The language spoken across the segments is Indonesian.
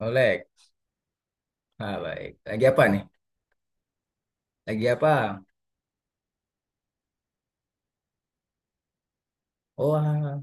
Oleh. Ah, baik. Lagi apa nih? Lagi apa? Oh, ah,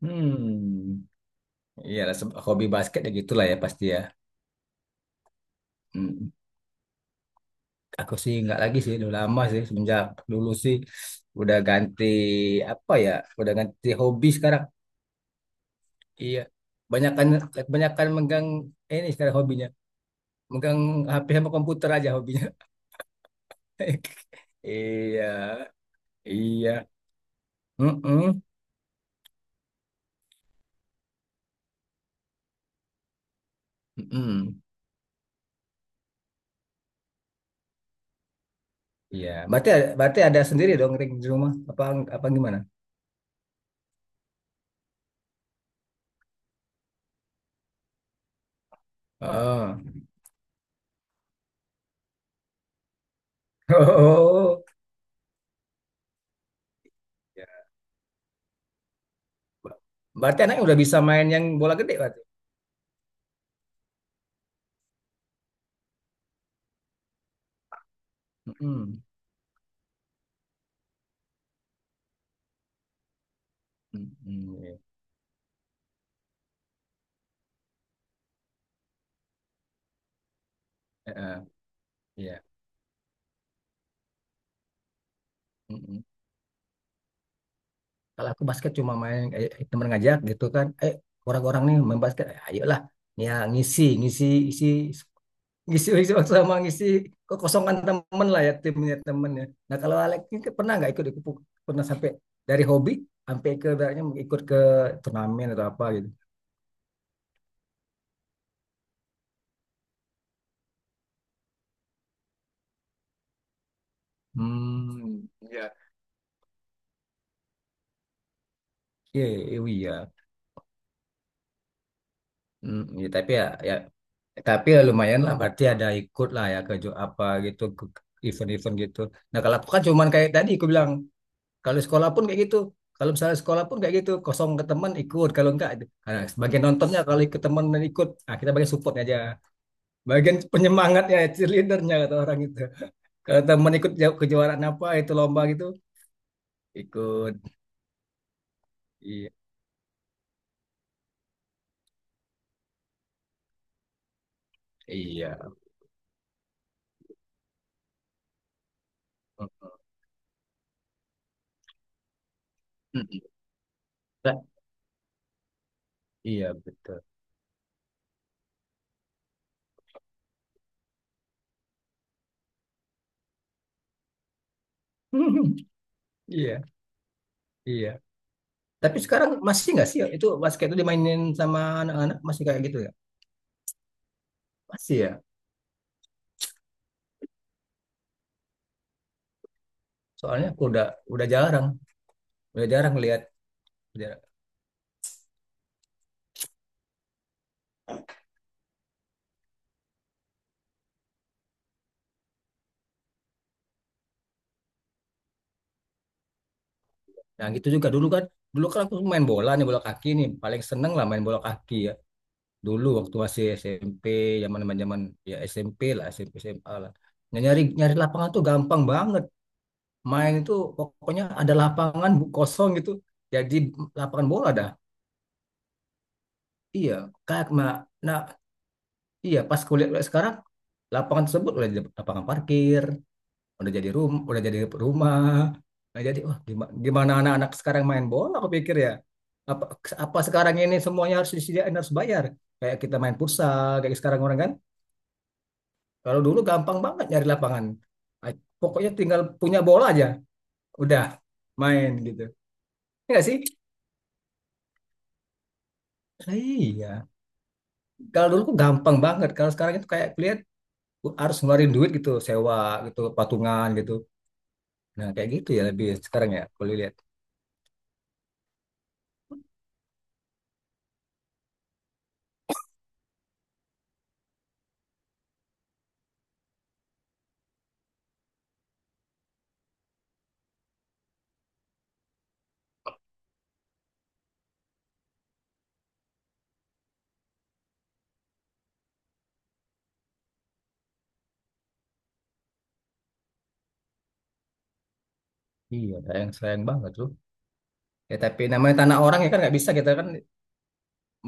hmm. Iyalah, hobi basket ya gitulah ya pasti ya. Hmm. Aku sih nggak lagi sih, udah lama sih semenjak dulu sih udah ganti apa ya? Udah ganti hobi sekarang. Iya. Banyakan kebanyakan megang ini sekarang hobinya. Megang HP sama komputer aja hobinya. Iya. Iya. Mm-mm. Mm-mm. Iya, berarti berarti ada sendiri dong ring di rumah apa apa gimana? Oh. Oh. Ya. Berarti anaknya udah bisa main yang bola gede berarti. Mm-mm. Mm-mm. Iya. Eh, iya. Mm-mm. Kalau aku basket cuma main temen ngajak gitu kan. Orang-orang nih main basket, ayolah. Ya ngisi, ngisi, isi, ngisi, ngisi waktu sama ngisi kekosongan temen lah ya timnya temennya. Nah kalau Alex ini kan pernah nggak ikut pernah sampai dari hobi sampai ke ibaratnya ikut ke turnamen atau apa gitu. Hmm, iya, iya, iya, iya. Hmm, ya tapi ya lumayan lah berarti ada ikut lah ya ke apa gitu ke event-event gitu. Nah kalau aku kan cuman kayak tadi aku bilang kalau sekolah pun kayak gitu. Kalau misalnya sekolah pun kayak gitu kosong ke teman ikut kalau enggak nah, bagian nontonnya kalau ikut teman dan ikut nah, kita bagian support aja. Bagian penyemangatnya cheerleadernya kata orang itu. Kalau teman ikut kejuaraan apa itu lomba gitu ikut. Iya iya. Mm, mm, mm. Iya betul. Iya iya. Tapi sekarang masih nggak sih ya, itu basket itu dimainin sama anak-anak masih kayak gitu ya? Masih ya. Soalnya aku udah jarang, udah jarang lihat. Jarang. Nah gitu juga dulu kan aku main bola nih bola kaki nih, paling seneng lah main bola kaki ya. Dulu waktu masih SMP, zaman zaman ya SMP lah, SMP SMA lah. Nah, nyari nyari lapangan tuh gampang banget. Main itu pokoknya ada lapangan kosong gitu, jadi lapangan bola dah. Iya, kayak nah iya pas kulihat sekarang lapangan tersebut udah jadi lapangan parkir, udah jadi room, udah jadi rumah. Nah, jadi wah gimana anak-anak sekarang main bola aku pikir ya. Apa apa sekarang ini semuanya harus disediain harus bayar. Kayak kita main futsal kayak sekarang orang kan. Kalau dulu gampang banget nyari lapangan. Ah, pokoknya tinggal punya bola aja, udah main gitu. Enggak sih? Lah, iya. Kalau dulu tuh gampang banget. Kalau sekarang itu kayak lihat harus ngeluarin duit gitu, sewa gitu, patungan gitu. Nah, kayak gitu ya lebih sekarang ya, kalau lihat. Iya, sayang sayang banget loh. Ya tapi namanya tanah orang ya kan nggak bisa kita kan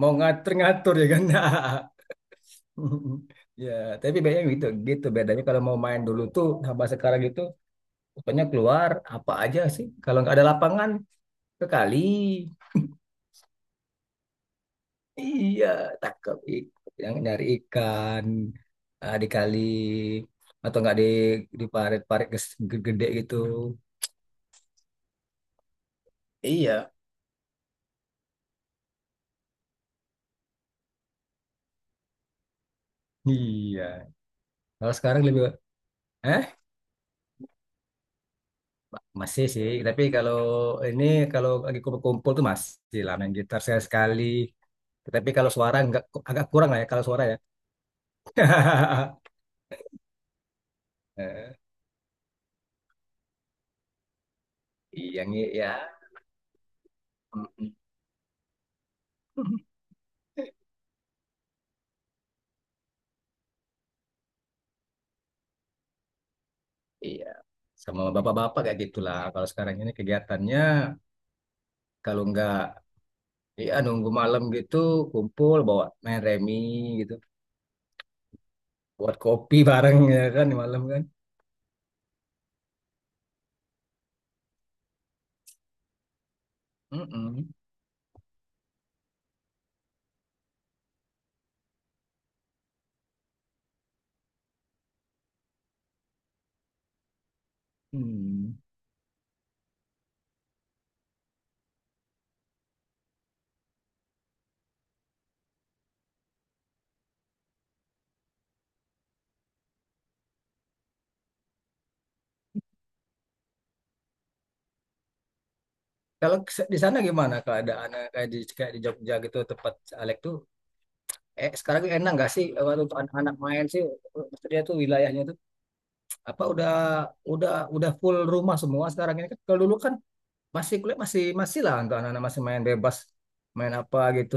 mau ngatur ngatur ya kan. Ya, tapi bedanya gitu, gitu bedanya kalau mau main dulu tuh sama sekarang gitu, pokoknya keluar apa aja sih. Kalau nggak ada lapangan ke kali, iya tangkap ikan, yang nyari ikan di kali atau nggak di di parit-parit gede gitu. Iya, iya. Kalau sekarang lebih, hah? Masih sih, tapi kalau ini kalau lagi kumpul-kumpul tuh masih lah main gitar saya sekali. Tetapi kalau suara nggak agak kurang lah ya kalau suara ya. Eh, iya nih ya. Mm-mm. Iya. Sama bapak-bapak kayak gitulah. Kalau sekarang ini kegiatannya kalau nggak ya nunggu malam gitu kumpul bawa main remi gitu, buat kopi bareng ya kan di malam kan. Mm-mm. Hmm. Kalau di sana gimana keadaan kayak di Jogja gitu tempat Alek tuh eh sekarang ini enak nggak sih untuk anak-anak main sih maksudnya tuh wilayahnya tuh apa udah udah full rumah semua sekarang ini kan kalau dulu kan masih kuliah masih masih lah untuk anak-anak masih main bebas main apa gitu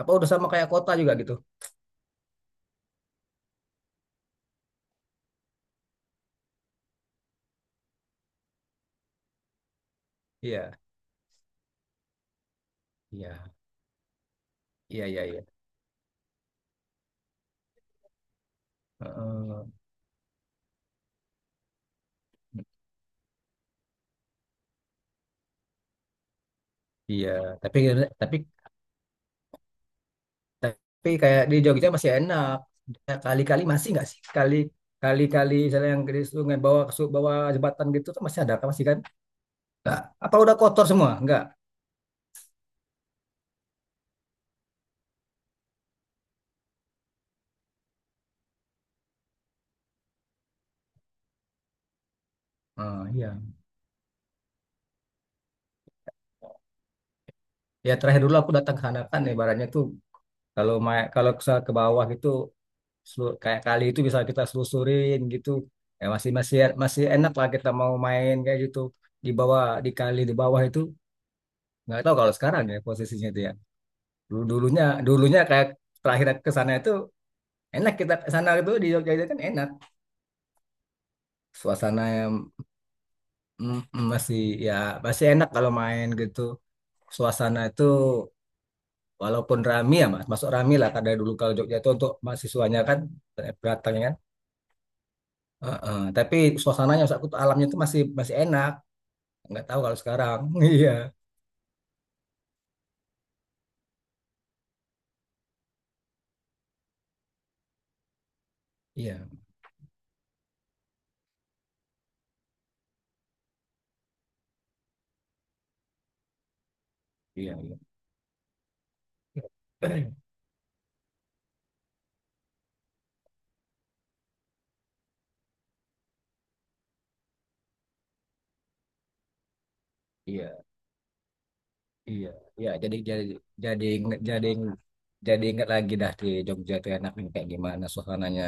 apa udah sama kayak kota juga gitu iya iya iya iya iya heeh, iya tapi tapi tapi kayak di Jogja masih enak. Ya, kali-kali masih nggak sih kali kali-kali misalnya yang ke sungai bawa ke bawa jembatan gitu tuh masih ada kan masih kan nggak. Apa udah kotor semua nggak ah, iya. Ya terakhir dulu aku datang ke Hanakan ibaratnya tuh kalau kalau ke bawah gitu kayak kali itu bisa kita selusurin gitu. Ya masih masih masih enak lah kita mau main kayak gitu di bawah di kali di bawah itu nggak tahu kalau sekarang ya posisinya itu ya. Dulu dulunya dulunya kayak terakhir aku ke sana itu enak kita ke sana itu di Jogja itu kan enak. Suasana yang mm, mm, masih ya masih enak kalau main gitu. Suasana itu walaupun rame ya masuk rame lah karena dulu kalau Jogja itu untuk mahasiswanya kan beratangnya kan. Heeh, tapi suasananya maksud aku alamnya itu masih masih enak. Nggak tahu kalau sekarang. Iya, iya, iya, iya, iya, iya, iya. Jadi jadi jadi ingat lagi dah di Jogja itu enaknya kayak gimana suasananya.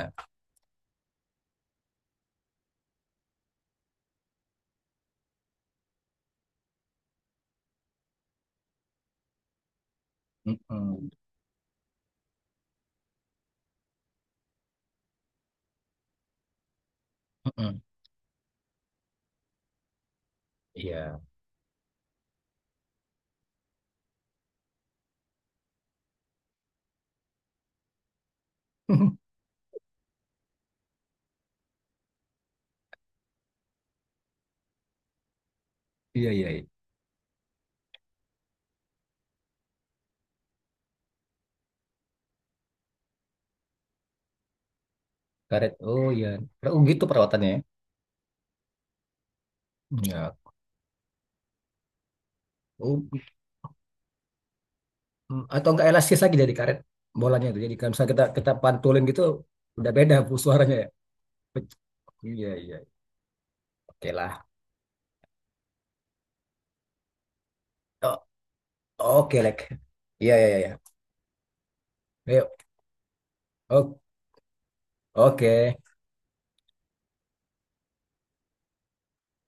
Mm-mm, mm-mm. Iya, iya, iya, iya. Karet, oh iya. Oh gitu perawatannya ya. Iya. Oh, hmm, atau enggak elastis lagi dari karet bolanya itu. Jadi kalau misalnya kita kita pantulin gitu udah beda bu suaranya ya. Pec- iya iya. Oke lah. O- oke Lek. Iya iya iya. Ayo. O- oke.